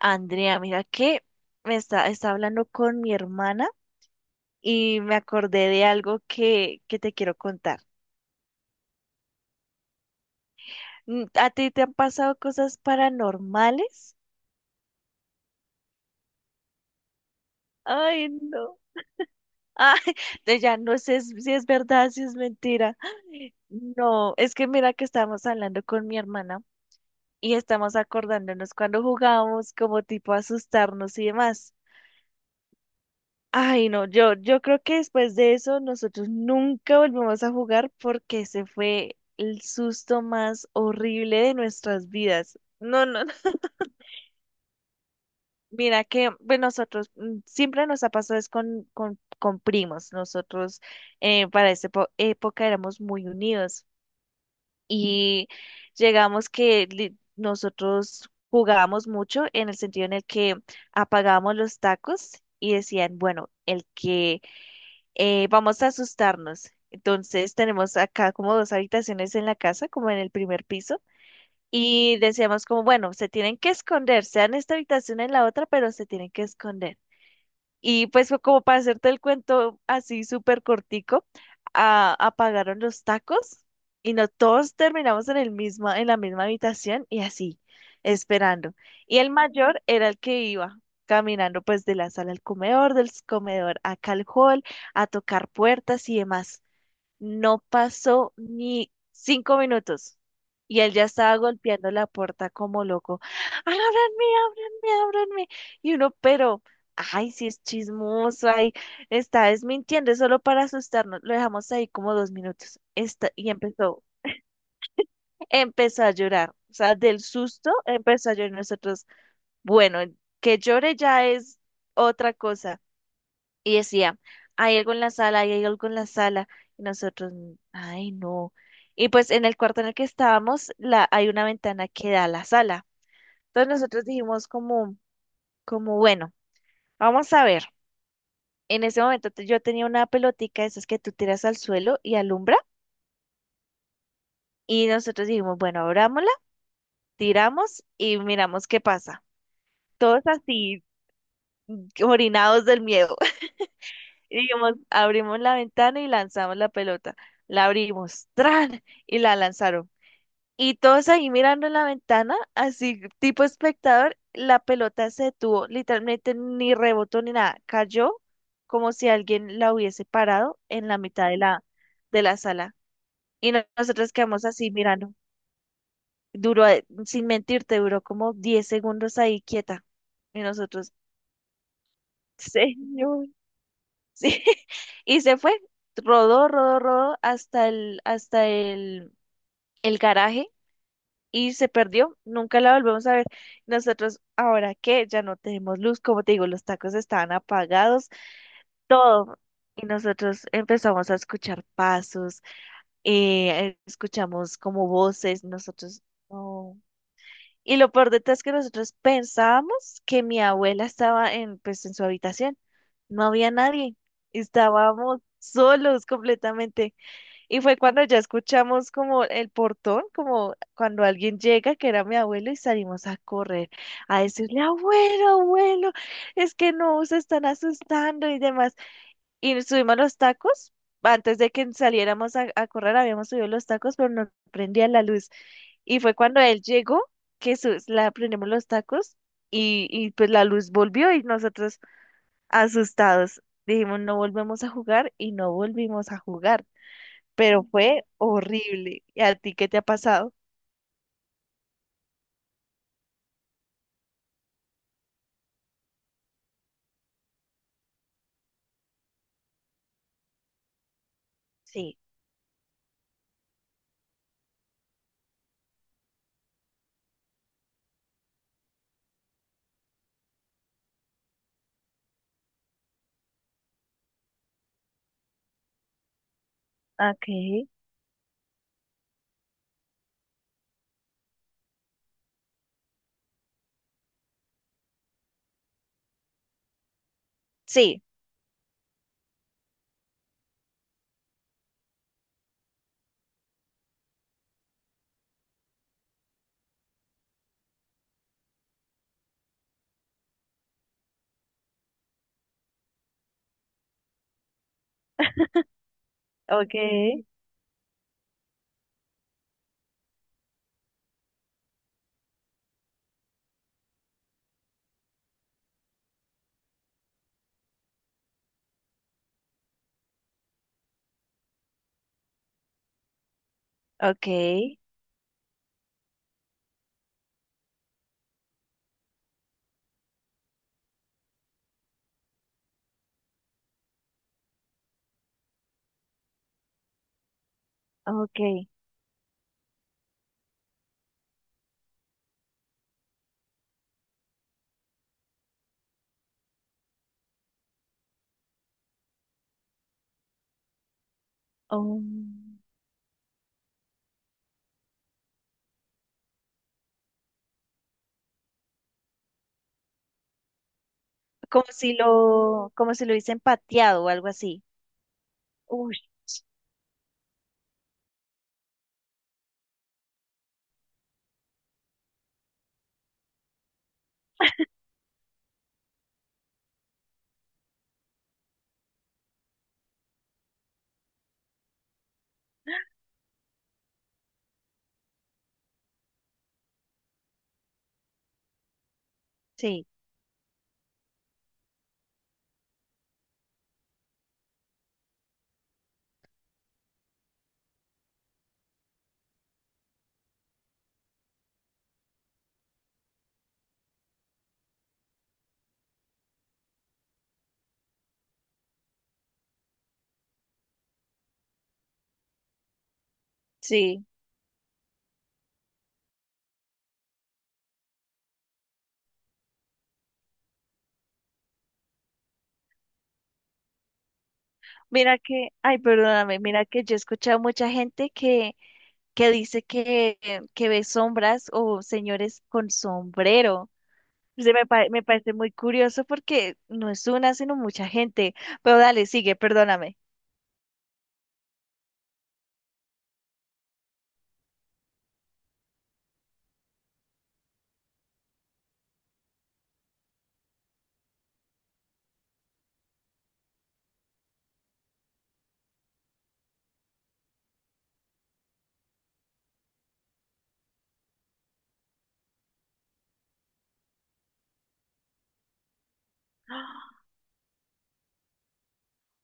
Andrea, mira que me está hablando con mi hermana y me acordé de algo que te quiero contar. ¿A ti te han pasado cosas paranormales? Ay, no. Ay, de ya no sé si es verdad, si es mentira. Ay, no, es que mira que estábamos hablando con mi hermana y estamos acordándonos cuando jugábamos como tipo asustarnos y demás. Ay, no, yo creo que después de eso nosotros nunca volvemos a jugar porque ese fue el susto más horrible de nuestras vidas. No, no, no. Mira que pues nosotros siempre nos ha pasado es con primos. Nosotros para esa época éramos muy unidos y llegamos que nosotros jugábamos mucho en el sentido en el que apagábamos los tacos y decían, bueno, el que vamos a asustarnos. Entonces tenemos acá como dos habitaciones en la casa, como en el primer piso, y decíamos como, bueno, se tienen que esconder, sea en esta habitación o en la otra, pero se tienen que esconder. Y pues fue como para hacerte el cuento así súper cortico, apagaron los tacos y no todos terminamos en el mismo, en la misma habitación y así, esperando. Y el mayor era el que iba caminando pues de la sala al comedor, del comedor acá al hall, a tocar puertas y demás. No pasó ni 5 minutos y él ya estaba golpeando la puerta como loco. ¡Ábranme, ábranme, ábranme! Y uno, pero, ay, si es chismoso, ay, está desmintiendo, es solo para asustarnos. Lo dejamos ahí como 2 minutos. Y empezó a llorar. O sea, del susto empezó a llorar. Nosotros, bueno, que llore ya es otra cosa. Y decía, hay algo en la sala, hay algo en la sala. Y nosotros, ay, no". Y pues en el cuarto en el que estábamos, la, hay una ventana que da a la sala. Entonces nosotros dijimos como, bueno, vamos a ver. En ese momento yo tenía una pelotica de esas que tú tiras al suelo y alumbra. Y nosotros dijimos, bueno, abrámosla, tiramos y miramos qué pasa. Todos así, orinados del miedo. Y dijimos, abrimos la ventana y lanzamos la pelota. La abrimos, ¡tran! Y la lanzaron. Y todos ahí mirando la ventana, así tipo espectador, la pelota se detuvo, literalmente ni rebotó ni nada, cayó como si alguien la hubiese parado en la mitad de de la sala. Y nosotros quedamos así mirando. Duró, sin mentirte, duró como 10 segundos ahí quieta. Y nosotros, señor, sí. Y se fue, rodó, rodó, rodó hasta el garaje y se perdió, nunca la volvemos a ver. Nosotros, ahora que ya no tenemos luz, como te digo, los tacos estaban apagados, todo. Y nosotros empezamos a escuchar pasos, escuchamos como voces, nosotros no. Y lo peor de todo es que nosotros pensábamos que mi abuela estaba en, pues, en su habitación. No había nadie. Estábamos solos completamente. Y fue cuando ya escuchamos como el portón, como cuando alguien llega, que era mi abuelo, y salimos a correr a decirle, abuelo, abuelo, es que no, se están asustando y demás. Y nos subimos los tacos. Antes de que saliéramos a correr, habíamos subido los tacos, pero no prendía la luz. Y fue cuando él llegó que la prendimos los tacos y pues la luz volvió y nosotros asustados dijimos, no volvemos a jugar y no volvimos a jugar, pero fue horrible. ¿Y a ti qué te ha pasado? Sí. Okay. Sí. Okay. Okay. Okay. Oh, como si lo hubiesen pateado o algo así. Uy. Sí. Sí. Mira que, ay, perdóname, mira que yo he escuchado mucha gente que dice que ve sombras o señores con sombrero. Me parece muy curioso porque no es una, sino mucha gente. Pero dale, sigue, perdóname.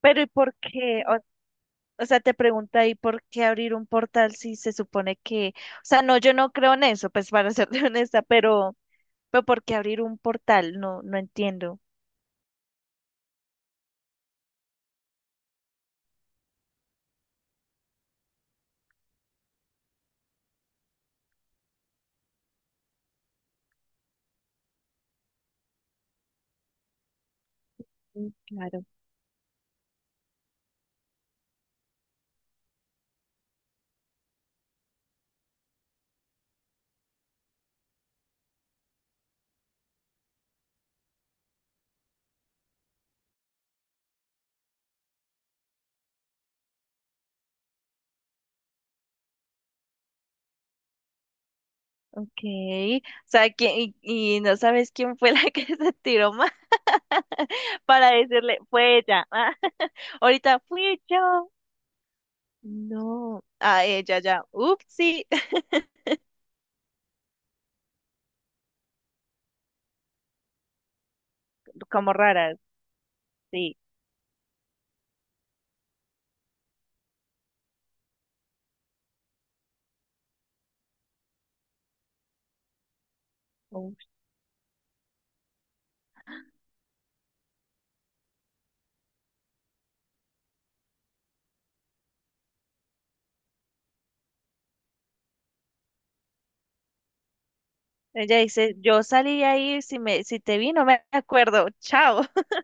Pero ¿y por qué? O sea, te pregunta, ahí por qué abrir un portal si se supone que, o sea, no, yo no creo en eso, pues para serte honesta, pero ¿por qué abrir un portal? No, no entiendo. Mm, claro. Okay. O sea, ¿quién, y no sabes quién fue la que se tiró más? Para decirle, fue ella. Ah, ahorita fui yo. No, ah, ella ya, upsí. Como raras, sí. Ella dice, yo salí ahí, si te vi, no me acuerdo, chao.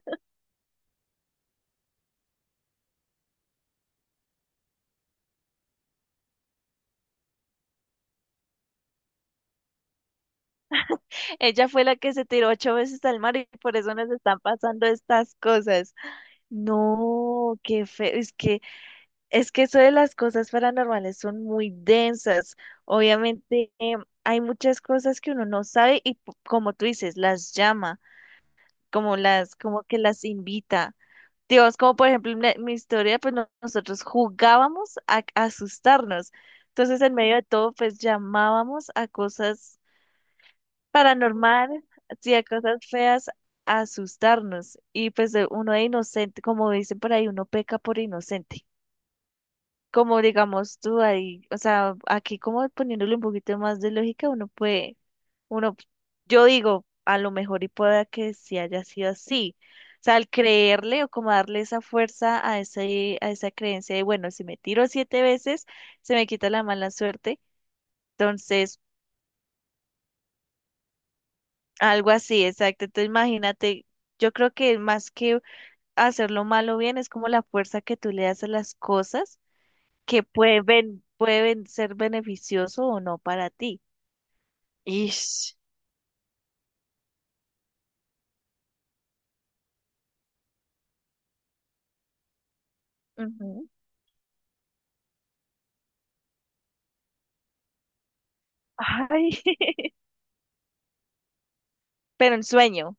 Ella fue la que se tiró ocho veces al mar y por eso nos están pasando estas cosas. No, qué feo, es que eso de las cosas paranormales son muy densas. Obviamente, hay muchas cosas que uno no sabe y como tú dices, las llama, como las, como que las invita. Dios, como por ejemplo en mi historia, pues nosotros jugábamos a asustarnos. Entonces, en medio de todo, pues llamábamos a cosas paranormales, sí, a cosas feas, a asustarnos. Y pues uno de inocente, como dicen por ahí, uno peca por inocente, como digamos tú ahí, o sea, aquí como poniéndole un poquito más de lógica, uno puede, uno, yo digo, a lo mejor y pueda que sí haya sido así. O sea, al creerle o como darle esa fuerza a ese, a esa creencia de, bueno, si me tiro siete veces, se me quita la mala suerte. Entonces, algo así, exacto. Entonces, imagínate, yo creo que más que hacerlo mal o bien, es como la fuerza que tú le das a las cosas, que pueden, pueden ser beneficioso o no para ti. Ish. Ujú. Ay, pero en sueño.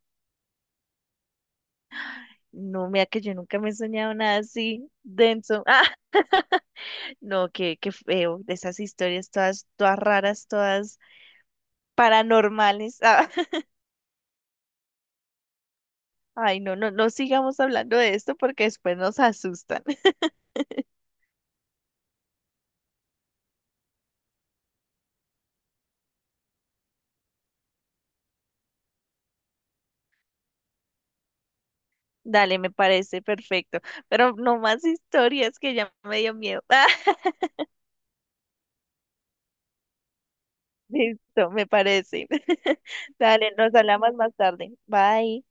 No, mira que yo nunca me he soñado nada así denso. Ah, no, qué, qué feo. De esas historias todas, todas raras, todas paranormales. Ah, ay, no, no, no sigamos hablando de esto porque después nos asustan. Dale, me parece perfecto. Pero no más historias que ya me dio miedo. Ah, listo, me parece. Dale, nos hablamos más tarde. Bye.